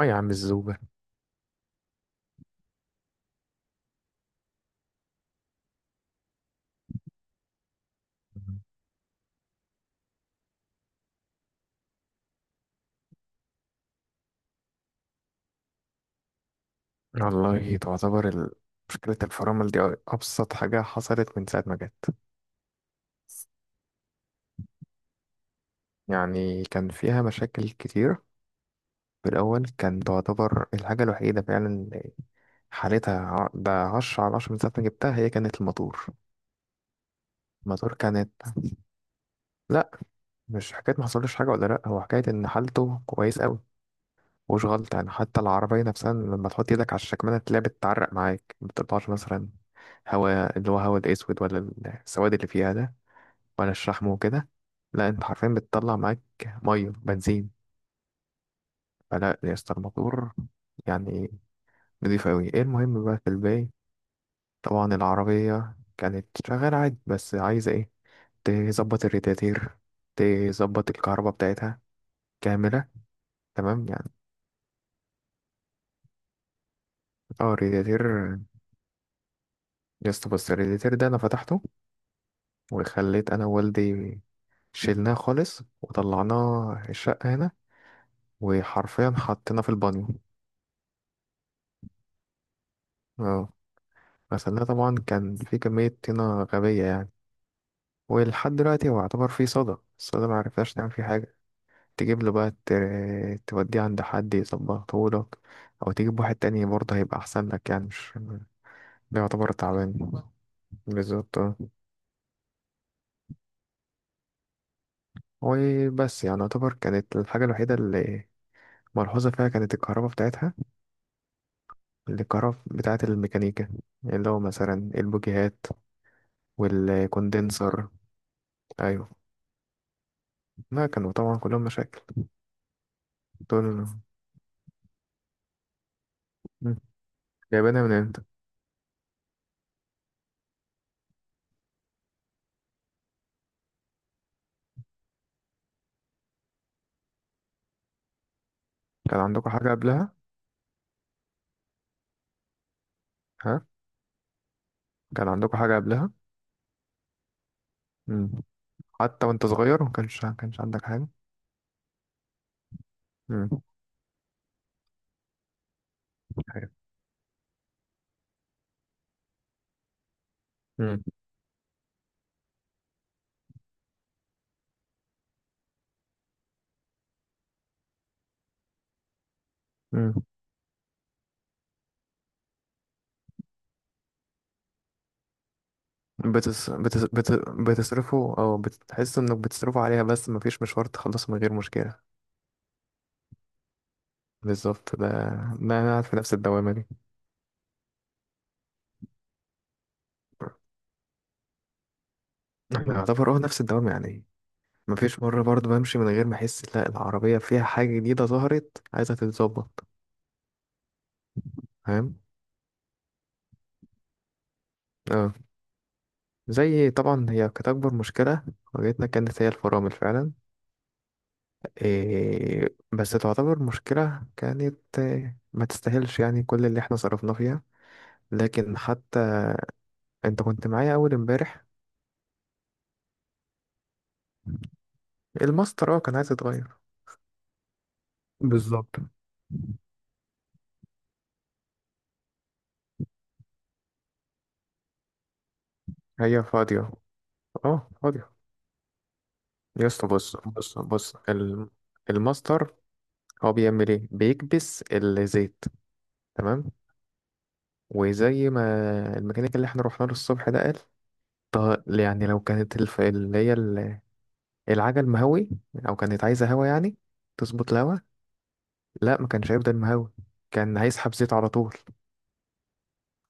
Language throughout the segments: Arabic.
اه يا عم الزوبة. والله مشكلة الفرامل دي أبسط حاجة حصلت من ساعة ما جت. يعني كان فيها مشاكل كتير. في الأول كان تعتبر الحاجة الوحيدة فعلا حالتها ده عشرة على عشرة من ساعة ما جبتها هي كانت الموتور. الموتور كانت لأ، مش حكاية محصلوش حاجة ولا لأ، هو حكاية إن حالته كويس أوي، مش غلط يعني. حتى العربية نفسها لما تحط إيدك على الشكمانة تلاقيها بتتعرق معاك، مبتطلعش مثلا هوا اللي هو هوا الأسود، ولا السواد اللي فيها ده، ولا الشحم وكده. لا، انت حرفيا بتطلع معاك ميه بنزين. فلا يا اسطى، الموتور يعني نضيف قوي. ايه المهم بقى في الباقي، طبعا العربيه كانت شغاله عادي بس عايزه ايه، تظبط الرادياتير، تظبط الكهرباء بتاعتها كامله. تمام يعني. اه الرادياتير، يا اسطى بص، الرادياتير ده انا فتحته، وخليت انا ووالدي شيلناه خالص وطلعناه الشقه هنا، وحرفيا حطيناه في البانيو. اه. غسلناه طبعا، كان في كمية طينة غبية يعني. ولحد دلوقتي هو يعتبر فيه صدى، الصدى معرفناش نعمل فيه حاجة. تجيب له بقى توديه عند حد يظبطه لك، أو تجيب واحد تاني برضه هيبقى أحسن لك يعني، مش ده يعتبر تعبان. بالظبط آه. وبس يعني، يعتبر كانت الحاجة الوحيدة اللي ملحوظة فيها كانت الكهرباء بتاعتها. الكهرباء بتاعت الميكانيكا، اللي هو مثلا البوجيهات والكوندنسر. أيوه، ما كانوا طبعا كلهم مشاكل. دول جايبينها من امتى؟ كان عندكم حاجة قبلها؟ ها، كان عندكم حاجة قبلها؟ مم. حتى وانت صغير ما كانش عندك حاجة؟ مم. حاجة. مم. مم. بتس... بتس... بت... بتصرفوا، او بتحس انك بتصرفوا عليها بس مفيش مشوار تخلصه من غير مشكلة. بالظبط، ده انا قاعد في نفس الدوامة دي. انا اعتبر اه نفس الدوامة يعني، مفيش مرة برضو بمشي من غير ما احس لا العربية فيها حاجة جديدة ظهرت عايزة تتظبط. فاهم؟ اه. زي طبعا هي كانت أكبر مشكلة واجهتنا كانت هي الفرامل فعلا. إيه بس تعتبر مشكلة كانت إيه، ما تستاهلش يعني كل اللي احنا صرفنا فيها. لكن حتى انت كنت معايا أول امبارح. الماستر، اه كان عايز يتغير. بالظبط. هي فاضية. اه فاضية. يا اسطى بص بص بص، الماستر هو بيعمل ايه، بيكبس الزيت. تمام، وزي ما الميكانيك اللي احنا رحنا له الصبح ده قال، طب يعني لو كانت اللي هي العجل مهوي، او كانت عايزه هوا يعني، تظبط الهوا، لا ما كانش هيفضل مهوي، كان هيسحب زيت على طول.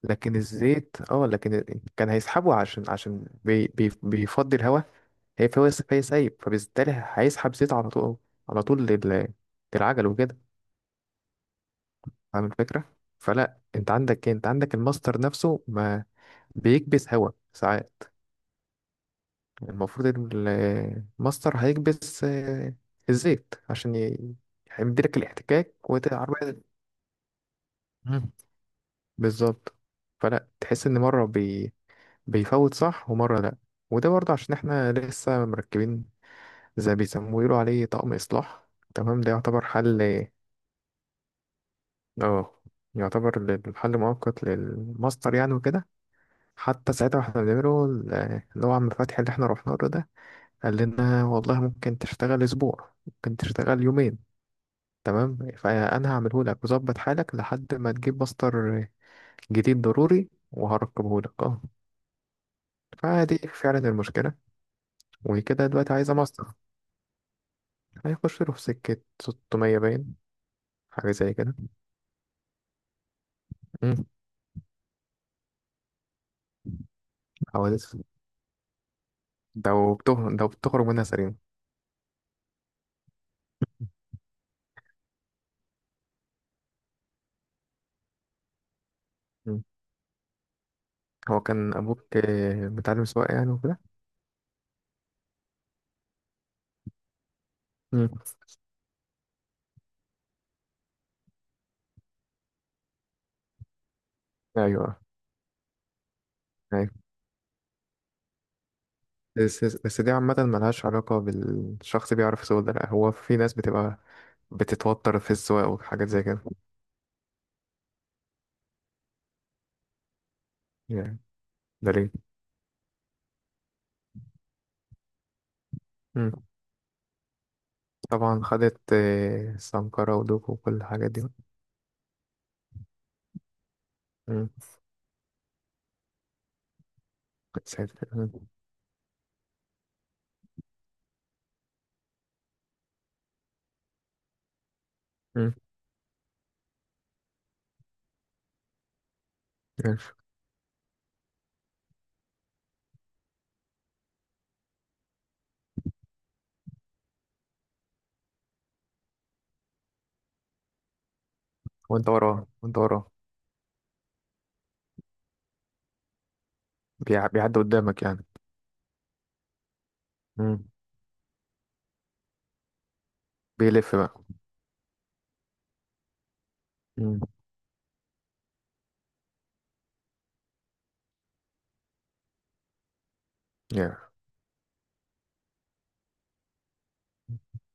لكن الزيت اه، لكن كان هيسحبه عشان عشان بي بي بيفضي الهوا، فهي سايب، فبالتالي هيسحب زيت على طول، على طول للعجل وكده. فاهم الفكره؟ فلا انت عندك إيه؟ انت عندك الماستر نفسه ما بيكبس هوا ساعات. المفروض الماستر هيكبس الزيت عشان هيمديلك الاحتكاك والعربية. مم. بالظبط. فلا تحس ان بيفوت صح ومره لا. وده برضه عشان احنا لسه مركبين زي بيسموه، يقولوا عليه طقم اصلاح. تمام، ده يعتبر حل. اه، يعتبر الحل مؤقت للماستر يعني وكده. حتى ساعتها واحنا بنعمله اللي هو عم فتحي اللي احنا رحنا له ده قال لنا والله ممكن تشتغل اسبوع، ممكن تشتغل يومين، تمام، فانا هعمله لك وظبط حالك لحد ما تجيب ماستر جديد ضروري وهركبه لك اه. فدي فعلا المشكلة، وكده دلوقتي عايزة ماستر. هيخش له في سكة 600 باين، حاجة زي كده. امم، حوادث، ده وبته ده بتخرج منها سليم. مم. هو كان أبوك آه، متعلم سواقة يعني وكده. مم. أيوه، أيوه. بس بس، دي عامة ملهاش علاقة بالشخص بيعرف يسوق، ده لأ، هو في ناس بتبقى بتتوتر في السواقة وحاجات زي كده يعني. ده ليه؟ مم. طبعا خدت آه، سمكرة ودوكو وكل الحاجات دي. مم. ساتر. مم. مم. يعني، وانت وراه؟ بيعدي قدامك يعني؟ مم. بيلف بقى. مم. يا،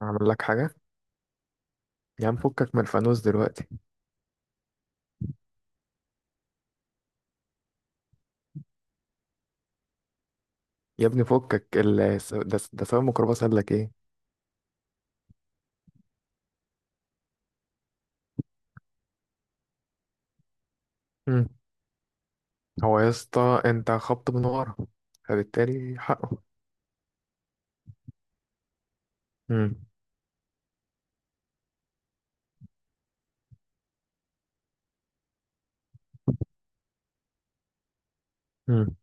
اعمل لك حاجة، يا عم فكك من الفانوس دلوقتي. يا ابني فكك ده سواق الميكروباص قال لك ايه؟ مم. هو يا اسطى انت خبط من ورا، فبالتالي حقه. مم. مم.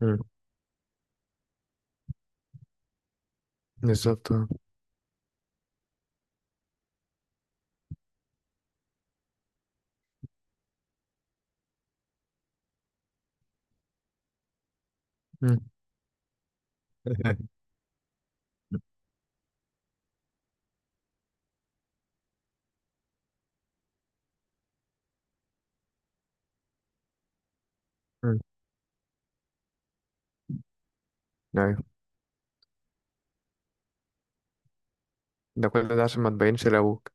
مم. بالظبط اه. مم. مم. ايوه، ده كل ده عشان ما تبينش لابوك.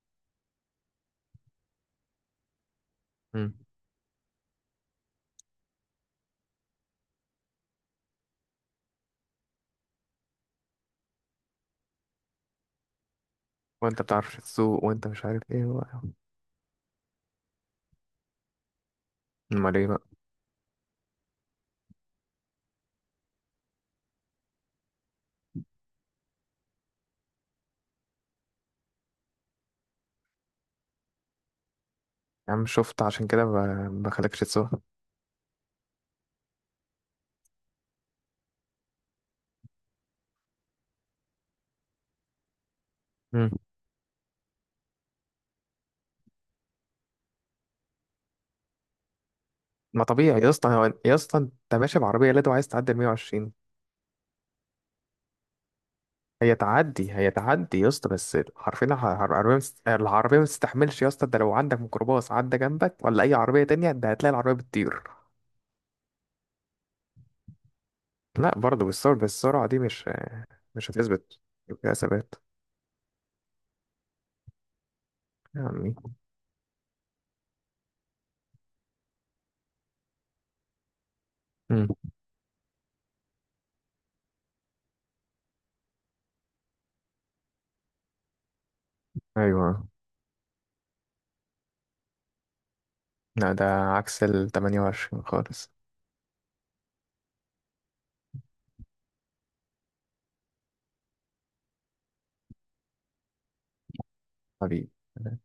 مم. وانت بتعرفش تسوق وانت مش عارف ايه و-، امال ايه بقى؟ يا عم شفت، عشان كده بخليكش تسوق. ما طبيعي يا اسطى، يا اسطى انت ماشي بعربيه لادو عايز تعدي ال 120؟ هي تعدي هي تعدي يا اسطى، بس حرفيا العربيه العربيه ما تستحملش يا اسطى. ده لو عندك ميكروباص عدى جنبك، ولا اي عربيه تانية، ده هتلاقي العربيه بتطير. لا برضه، بالسرعه دي مش، مش هتثبت، يبقى فيها ثبات يعني. امم، ايوه، لا ده عكس ال 28 خالص. حبيبي.